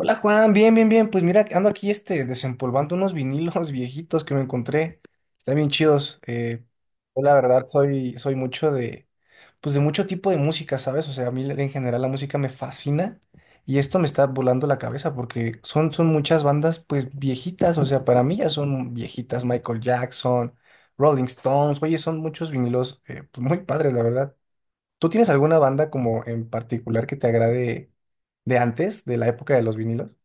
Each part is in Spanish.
Hola Juan, bien, bien, bien. Pues mira, ando aquí desempolvando unos vinilos viejitos que me encontré. Están bien chidos. Yo la verdad soy mucho de, pues de mucho tipo de música, ¿sabes? O sea, a mí en general la música me fascina y esto me está volando la cabeza porque son muchas bandas pues viejitas. O sea, para mí ya son viejitas. Michael Jackson, Rolling Stones. Oye, son muchos vinilos pues, muy padres, la verdad. ¿Tú tienes alguna banda como en particular que te agrade de antes, de la época de los vinilos?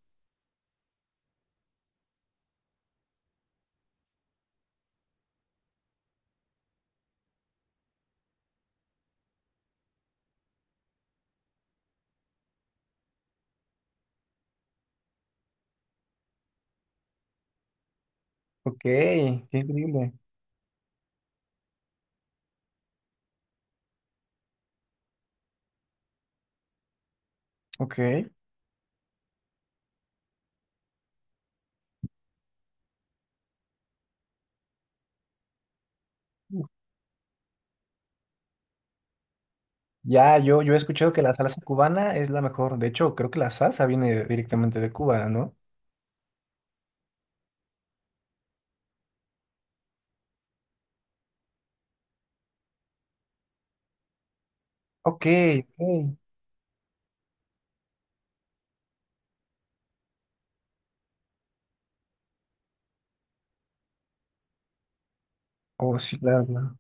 Ok, qué increíble. Ok. Ya, yo he escuchado que la salsa cubana es la mejor. De hecho, creo que la salsa viene directamente de Cuba, ¿no? Ok, ok. Oh, sí, claro, claro.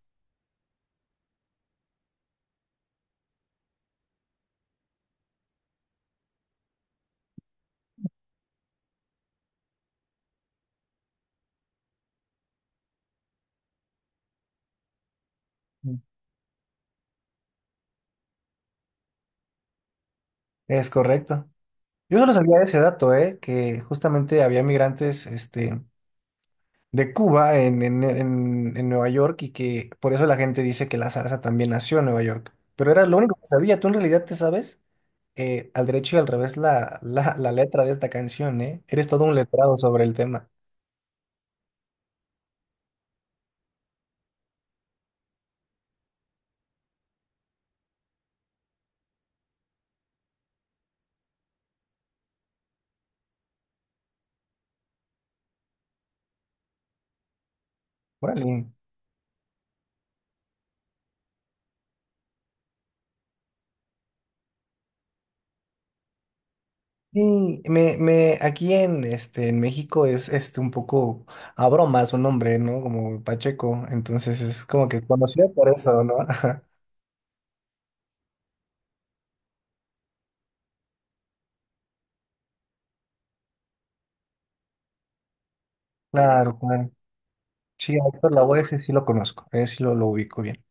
Mm, es correcto. Yo solo sabía ese dato, ¿eh? Que justamente había migrantes, este, de Cuba en Nueva York y que por eso la gente dice que la salsa también nació en Nueva York. Pero era lo único que sabía. ¿Tú en realidad te sabes al derecho y al revés la letra de esta canción, ¿eh? Eres todo un letrado sobre el tema. Órale. Sí, aquí en, este, en México es este, un poco a broma su nombre, ¿no? Como Pacheco, entonces es como que conocido por eso, ¿no? Ajá. Claro, claro. Sí, a Héctor Lavoe ese sí lo conozco, ese sí lo ubico bien.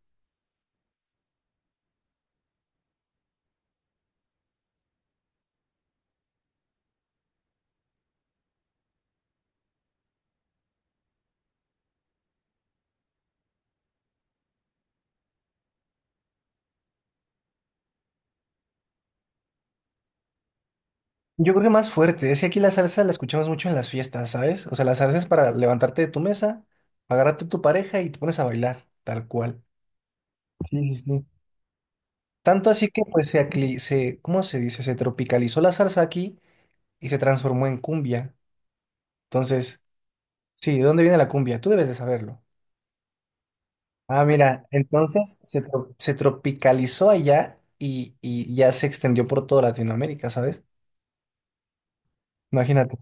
Yo creo que más fuerte, es que aquí la salsa la escuchamos mucho en las fiestas, ¿sabes? O sea, la salsa es para levantarte de tu mesa, agarrarte a tu pareja y te pones a bailar, tal cual. Sí, sí, sí. Tanto así que pues ¿cómo se dice? Se tropicalizó la salsa aquí y se transformó en cumbia. Entonces, sí, ¿de dónde viene la cumbia? Tú debes de saberlo. Ah, mira, entonces se tropicalizó allá y ya se extendió por toda Latinoamérica, ¿sabes? Imagínate.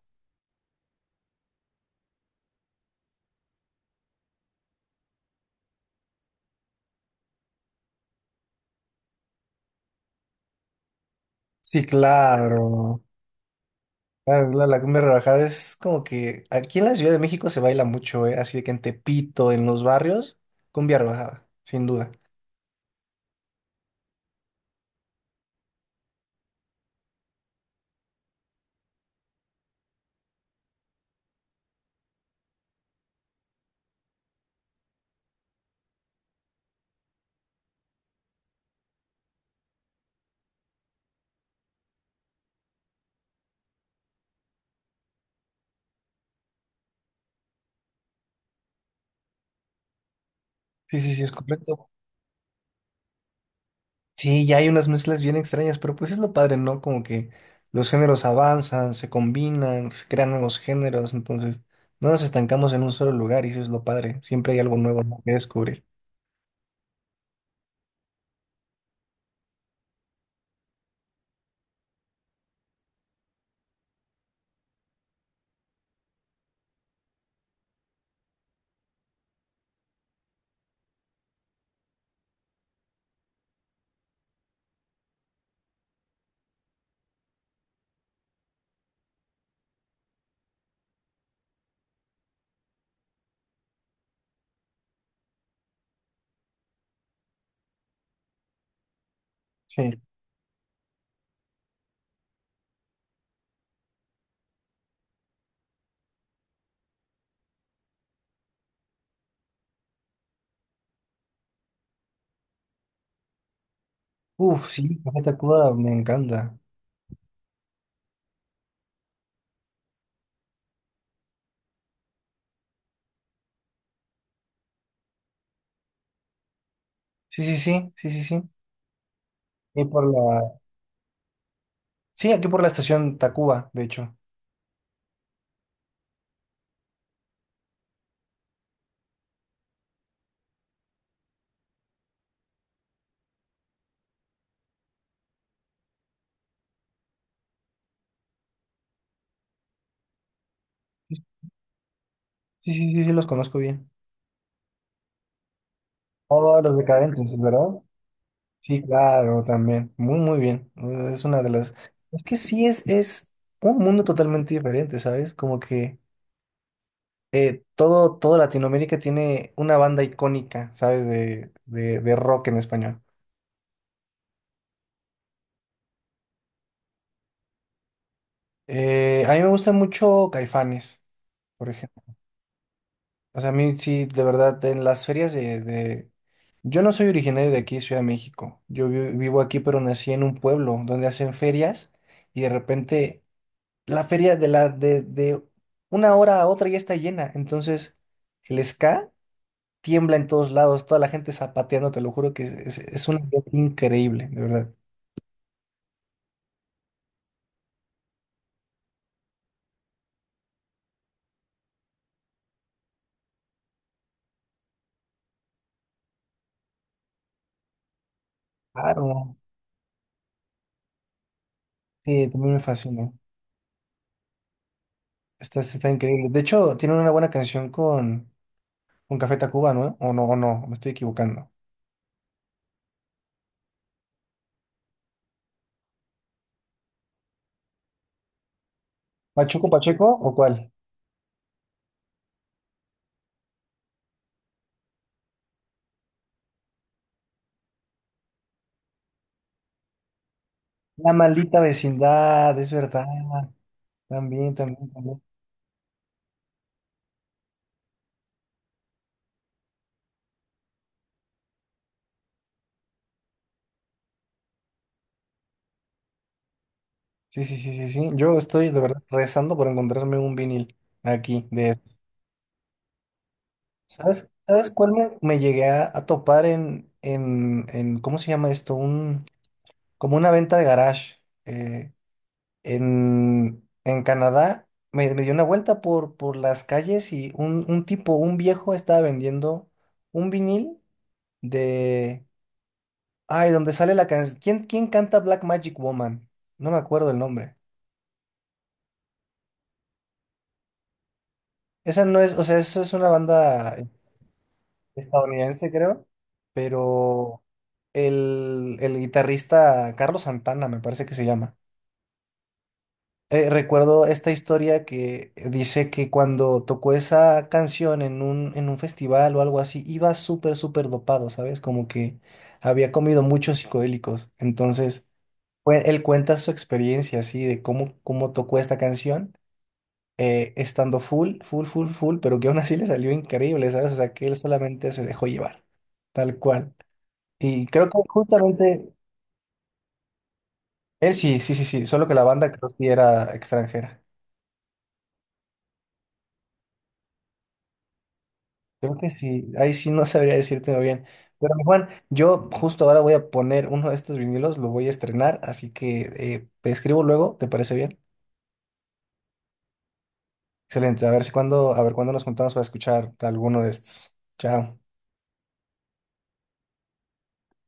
Sí, claro. Claro, claro, la cumbia rebajada es como que aquí en la Ciudad de México se baila mucho, ¿eh? Así de que en Tepito, en los barrios, cumbia rebajada, sin duda. Sí, sí, sí, es correcto. Sí, ya hay unas mezclas bien extrañas, pero pues es lo padre, ¿no? Como que los géneros avanzan, se combinan, se crean nuevos géneros, entonces no nos estancamos en un solo lugar y eso es lo padre. Siempre hay algo nuevo, ¿no? que descubrir. Sí. Uf, sí, Café Tacuba me encanta. Sí, sí, sí, sí, sí, sí. Y por la... Sí, aquí por la estación Tacuba, de hecho. Sí, sí, sí, sí, los conozco bien. Todos los decadentes, ¿verdad? Sí, claro, también. Muy, muy bien. Es una de las... Es que sí es un mundo totalmente diferente, ¿sabes? Como que todo Latinoamérica tiene una banda icónica, ¿sabes? De rock en español. A mí me gusta mucho Caifanes, por ejemplo. O sea, a mí sí, de verdad, en las ferias de- Yo no soy originario de aquí, Ciudad de México. Vivo aquí, pero nací en un pueblo donde hacen ferias y de repente... la feria de una hora a otra ya está llena. Entonces, el ska tiembla en todos lados, toda la gente zapateando, te lo juro que es un ambiente increíble, de verdad. Claro, sí, también me fascina. Está, está increíble. De hecho, tiene una buena canción con Café Tacuba, ¿no? O no, o no, me estoy equivocando. ¿Pachuco Pacheco o cuál? La Maldita Vecindad, es verdad. También, también, también. Sí, sí, sí, sí, sí. Yo estoy de verdad rezando por encontrarme un vinil aquí de ¿sabes, sabes cuál me llegué a topar en, ¿cómo se llama esto? Un, como una venta de garage. En Canadá me dio una vuelta por las calles y un tipo, un viejo, estaba vendiendo un vinil de... Ay, donde sale la canción. Quién canta Black Magic Woman? No me acuerdo el nombre. Esa no es, o sea, eso es una banda estadounidense, creo, pero el guitarrista Carlos Santana, me parece que se llama. Recuerdo esta historia que dice que cuando tocó esa canción en en un festival o algo así, iba súper, súper dopado, ¿sabes? Como que había comido muchos psicodélicos. Entonces, él cuenta su experiencia así de cómo, cómo tocó esta canción, estando full, full, full, full, pero que aún así le salió increíble, ¿sabes? O sea, que él solamente se dejó llevar, tal cual. Y creo que justamente él sí, sí, sí, sí, solo que la banda creo que era extranjera. Creo que sí, ahí sí no sabría decirte bien. Pero mi Juan, yo justo ahora voy a poner uno de estos vinilos, lo voy a estrenar, así que te escribo luego, ¿te parece bien? Excelente, a ver si cuando, a ver cuándo nos juntamos para escuchar alguno de estos. Chao.